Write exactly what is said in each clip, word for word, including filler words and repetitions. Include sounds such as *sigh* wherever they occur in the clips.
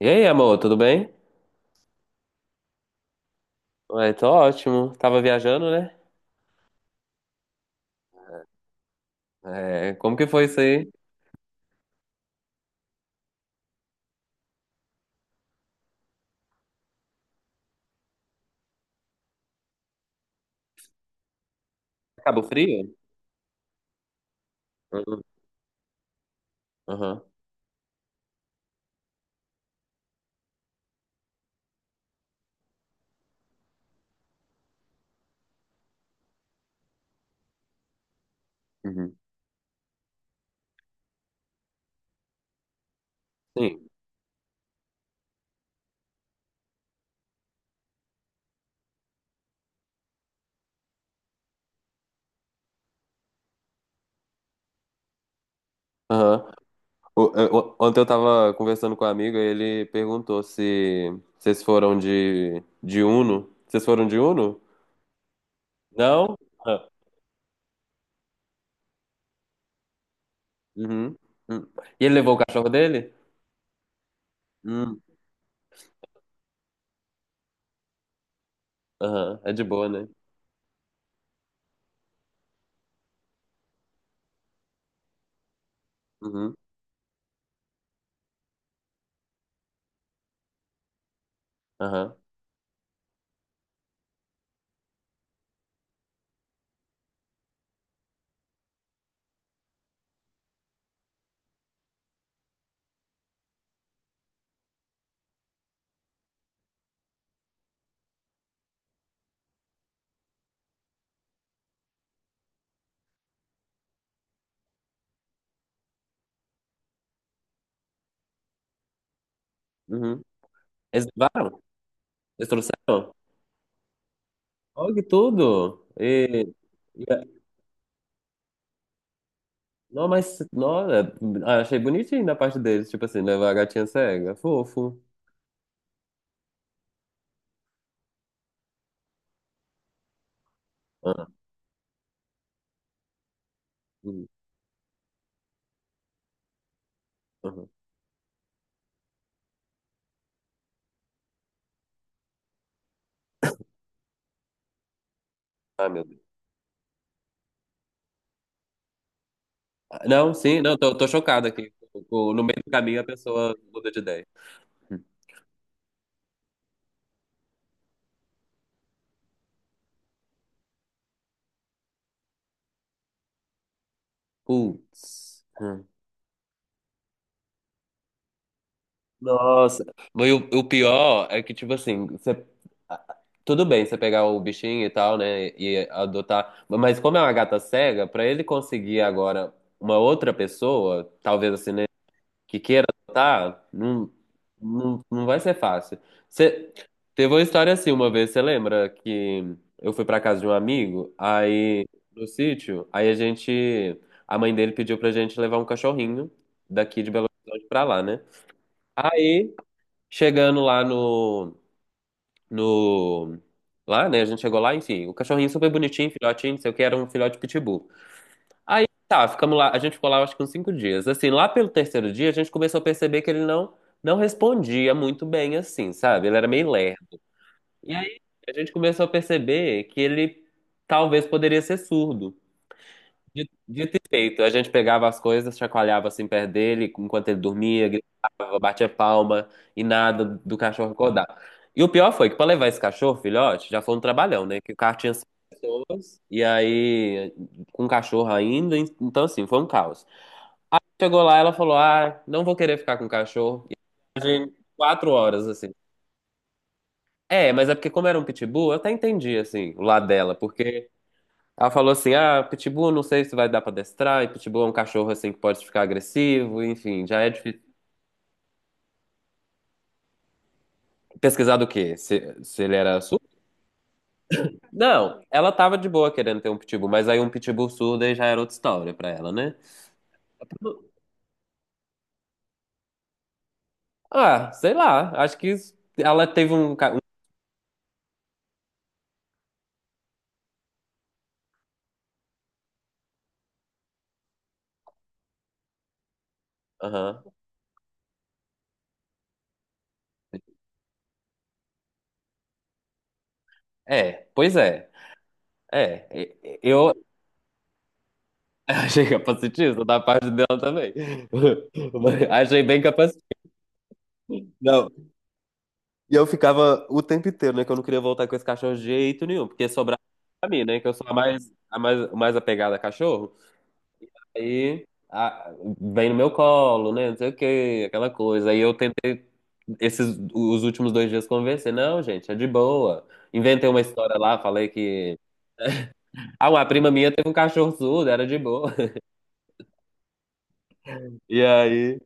E aí, amor, tudo bem? Ué, tô ótimo. Tava viajando, né? É, como que foi isso aí? Cabo Frio? Uhum. Aham. Uhum. Sim. Aham. O- é, o- Ontem eu tava conversando com um amigo e ele perguntou se vocês foram de, de Uno. Vocês foram de Uno? Não? Ah. Uhum. Uhum. E ele levou o cachorro dele? Hum. Aham. É de boa, né? Uhum. Aham. Uhum. Eles levaram? Eles trouxeram? Olha que tudo! E... Não, mas, nossa, ah, achei bonitinho da parte deles, tipo assim, levar a gatinha cega, fofo. Ah, hum, uhum. Ah, meu Deus. Ah, não, sim, não, tô, tô chocado aqui. O- No meio do caminho a pessoa muda de ideia. Hum. Putz. Hum. Nossa. Mas o, o pior é que, tipo assim, você, ah, tudo bem você pegar o bichinho e tal, né, e adotar, mas como é uma gata cega, pra ele conseguir agora uma outra pessoa, talvez assim, né, que queira adotar, não, não, não vai ser fácil. Você teve uma história assim uma vez, você lembra que eu fui pra casa de um amigo, aí no sítio, aí a gente, a mãe dele pediu pra gente levar um cachorrinho daqui de Belo Horizonte pra lá, né? Aí, chegando lá no, no, lá, né, a gente chegou lá, enfim, o cachorrinho super bonitinho, filhotinho, não sei o que, era um filhote pitbull. Aí tá, ficamos lá. A gente ficou lá acho que uns cinco dias. Assim, lá pelo terceiro dia, a gente começou a perceber que ele não, não respondia muito bem, assim, sabe? Ele era meio lerdo. E aí a gente começou a perceber que ele talvez poderia ser surdo. Dito dito e feito, a gente pegava as coisas, chacoalhava assim perto dele, enquanto ele dormia, gritava, batia palma e nada do cachorro acordar. E o pior foi que para levar esse cachorro, filhote, já foi um trabalhão, né? Que o carro tinha cinco pessoas, e aí com o cachorro ainda, então assim, foi um caos. Chegou lá, ela falou: Ah, não vou querer ficar com o cachorro. E quatro horas, assim. É, mas é porque, como era um pitbull, eu até entendi, assim, o lado dela, porque ela falou assim: ah, pitbull não sei se vai dar pra adestrar, e pitbull é um cachorro assim que pode ficar agressivo, enfim, já é difícil. Pesquisar do quê? Se, se ele era surdo? Não, ela tava de boa querendo ter um pitbull, mas aí um pitbull surdo aí já era outra história pra ela, né? Ah, sei lá, acho que isso- ela teve um. ca- um- Aham. É, pois é. É, e- e- eu *laughs* achei capacitista da parte dela também. *laughs* Mas achei bem capacitista. E eu ficava o tempo inteiro, né? Que eu não queria voltar com esse cachorro de jeito nenhum, porque sobrava pra mim, né? Que eu sou a mais, a mais, mais apegada a cachorro. Aí a- vem no meu colo, né? Não sei o quê, aquela coisa. Aí eu tentei, esses, os últimos dois dias convencer. Não, gente, é de boa. Inventei uma história lá, falei que. Ah, uma prima minha teve um cachorro surdo, era de boa. *laughs* E aí.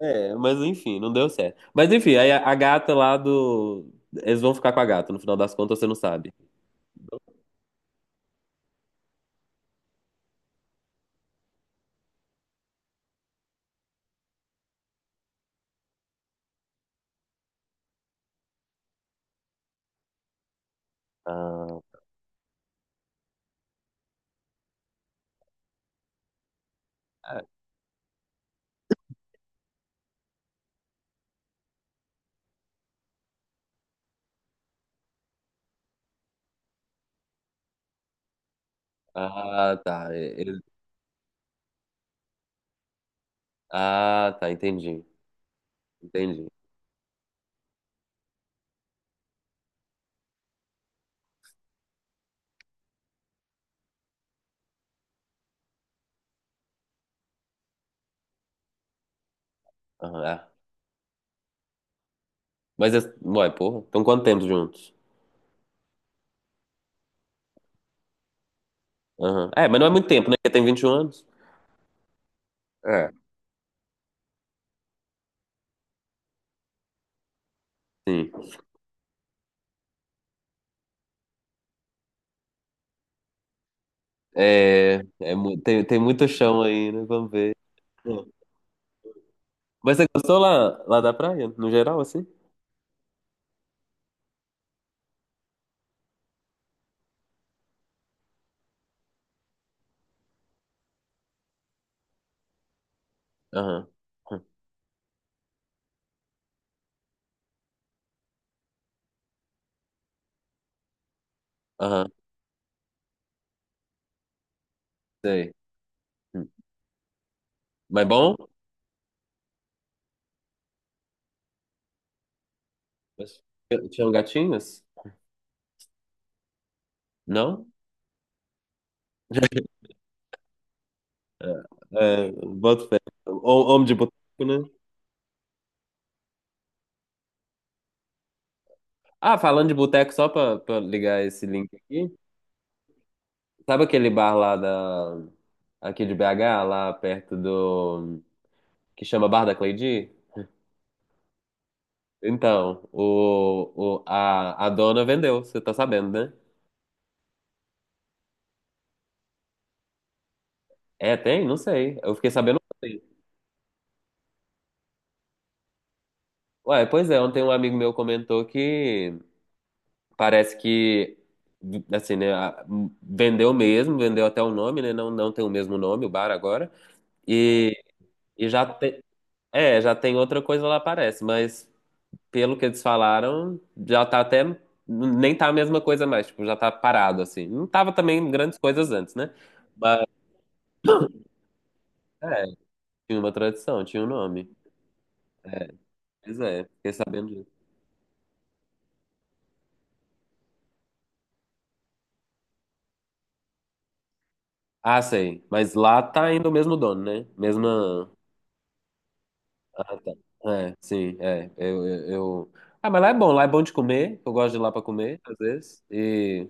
É, mas enfim, não deu certo. Mas enfim, aí a, a gata lá do. Eles vão ficar com a gata, no final das contas você não sabe. Ah. Ah, tá. e- Ele... Ah, tá. Entendi. Entendi. Aham, é. Mas, esse- ué, porra. Então, quanto tempo juntos? Aham. É, mas não é muito tempo, né? Porque tem vinte e um anos. É. Sim. É, é mu- tem, tem muito chão aí, né? Vamos ver. É. Mas você gostou lá, lá da praia, no geral, assim? Aham. Hum. Aham. Sei. Hum. Mas bom? Mas tinham gatinhas? Não? É, é, boto fé. Hom- Homem de boteco, né? Ah, falando de boteco, só pra, pra ligar esse link aqui. Sabe aquele bar lá da, aqui de B H, lá perto do, que chama Bar da Cleidi? Então, o, o, a, a dona vendeu, você tá sabendo, né? É, tem? Não sei. Eu fiquei sabendo ontem. Ué, pois é, ontem um amigo meu comentou que parece que, assim, né, a- vendeu mesmo, vendeu até o nome, né? Não, não tem o mesmo nome, o bar agora. E, e já tem, é, já tem outra coisa lá, parece, mas pelo que eles falaram, já tá até. Nem tá a mesma coisa mais, tipo, já tá parado, assim. Não tava também grandes coisas antes, né? É, tinha uma tradição, tinha um nome. É, pois é, fiquei sabendo disso. Ah, sei. Mas lá tá ainda o mesmo dono, né? Mesma. Ah, tá. É, sim, é. Eu, eu, eu- Ah, mas lá é bom, lá é bom de comer. Eu gosto de ir lá pra comer, às vezes. E.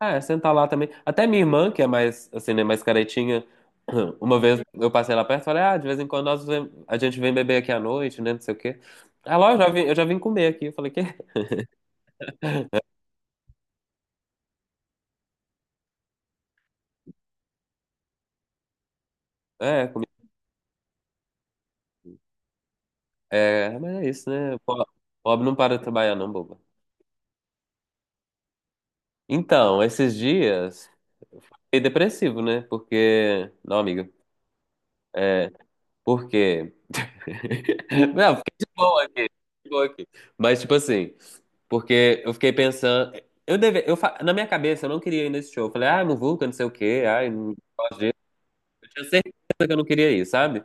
É, sentar lá também. Até minha irmã, que é mais, assim, né, mais caretinha, *clears throat* uma vez eu passei lá perto e falei, ah, de vez em quando nós vem- a gente vem beber aqui à noite, né, não sei o quê. Ela, ó, eu já vim, eu já vim comer aqui. Eu falei, quê? *laughs* É, comi- é, mas é isso, né? po- Pobre não para de trabalhar, não, boba. Então, esses dias, fiquei depressivo, né? Porque, não, amiga, porque *laughs* Não, fiquei de boa aqui, de boa aqui. Mas, tipo assim, porque eu fiquei pensando. Eu deve, eu, fa- na minha cabeça, eu não queria ir nesse show. Eu falei, ah, não vou, que eu não sei o quê, ai, não gosto disso. Eu tinha certeza que eu não queria ir, sabe?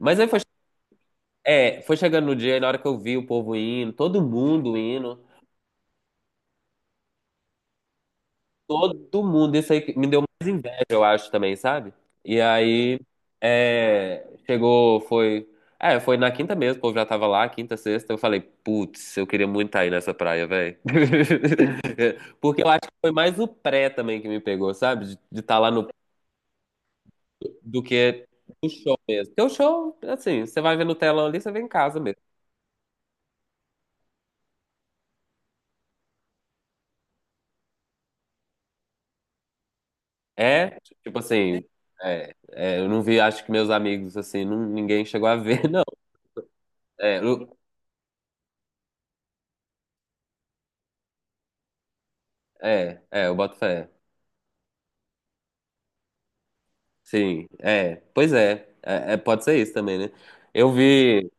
Mas aí foi, é, foi chegando no dia, e na hora que eu vi o povo indo, todo mundo indo, todo mundo, isso aí que me deu eu acho também, sabe? E aí é, chegou, foi. É, foi na quinta mesmo, o povo já tava lá, quinta, sexta. Eu falei, putz, eu queria muito estar aí nessa praia, velho. *laughs* Porque eu acho que foi mais o pré também que me pegou, sabe? De estar lá no. do que o show mesmo. Porque o show, assim, você vai ver no telão ali, você vê em casa mesmo. É, tipo assim. É, é, eu não vi, acho que meus amigos, assim, não, ninguém chegou a ver, *laughs* não. É, eu- é, é, eu boto fé. Sim, é, pois é, é, é, pode ser isso também, né? Eu vi,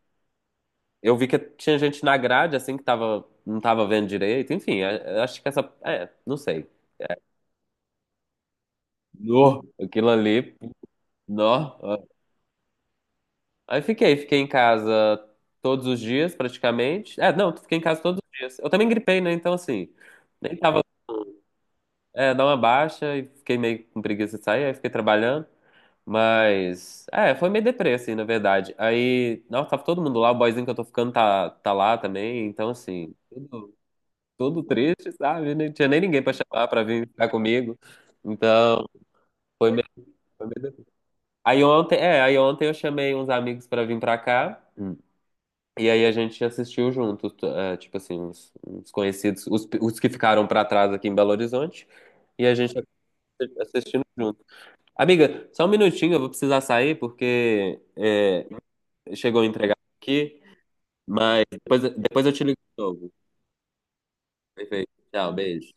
eu vi que tinha gente na grade assim que tava, não tava vendo direito, enfim, é, é, acho que essa, é, não sei. No, aquilo ali, nó. Ó. Aí fiquei, fiquei em casa todos os dias praticamente. É, não, fiquei em casa todos os dias. Eu também gripei, né? Então assim, nem tava, é, dar uma baixa e fiquei meio com preguiça de sair, aí fiquei trabalhando. Mas, é, foi meio deprê, assim, na verdade. Aí, nossa, tava todo mundo lá, o boyzinho que eu tô ficando tá, tá lá também, então, assim, tudo, tudo triste, sabe? Não tinha nem ninguém pra chamar pra vir ficar comigo. Então, foi meio, foi meio deprê. Aí ontem, é, aí ontem eu chamei uns amigos pra vir pra cá, Hum. e aí a gente assistiu junto, t- é, tipo assim, uns, uns conhecidos, os, os que ficaram pra trás aqui em Belo Horizonte, e a gente assistindo junto. Amiga, só um minutinho, eu vou precisar sair, porque. é, chegou a entregar aqui, mas depois, depois eu te ligo de novo. Perfeito. Tchau, beijo.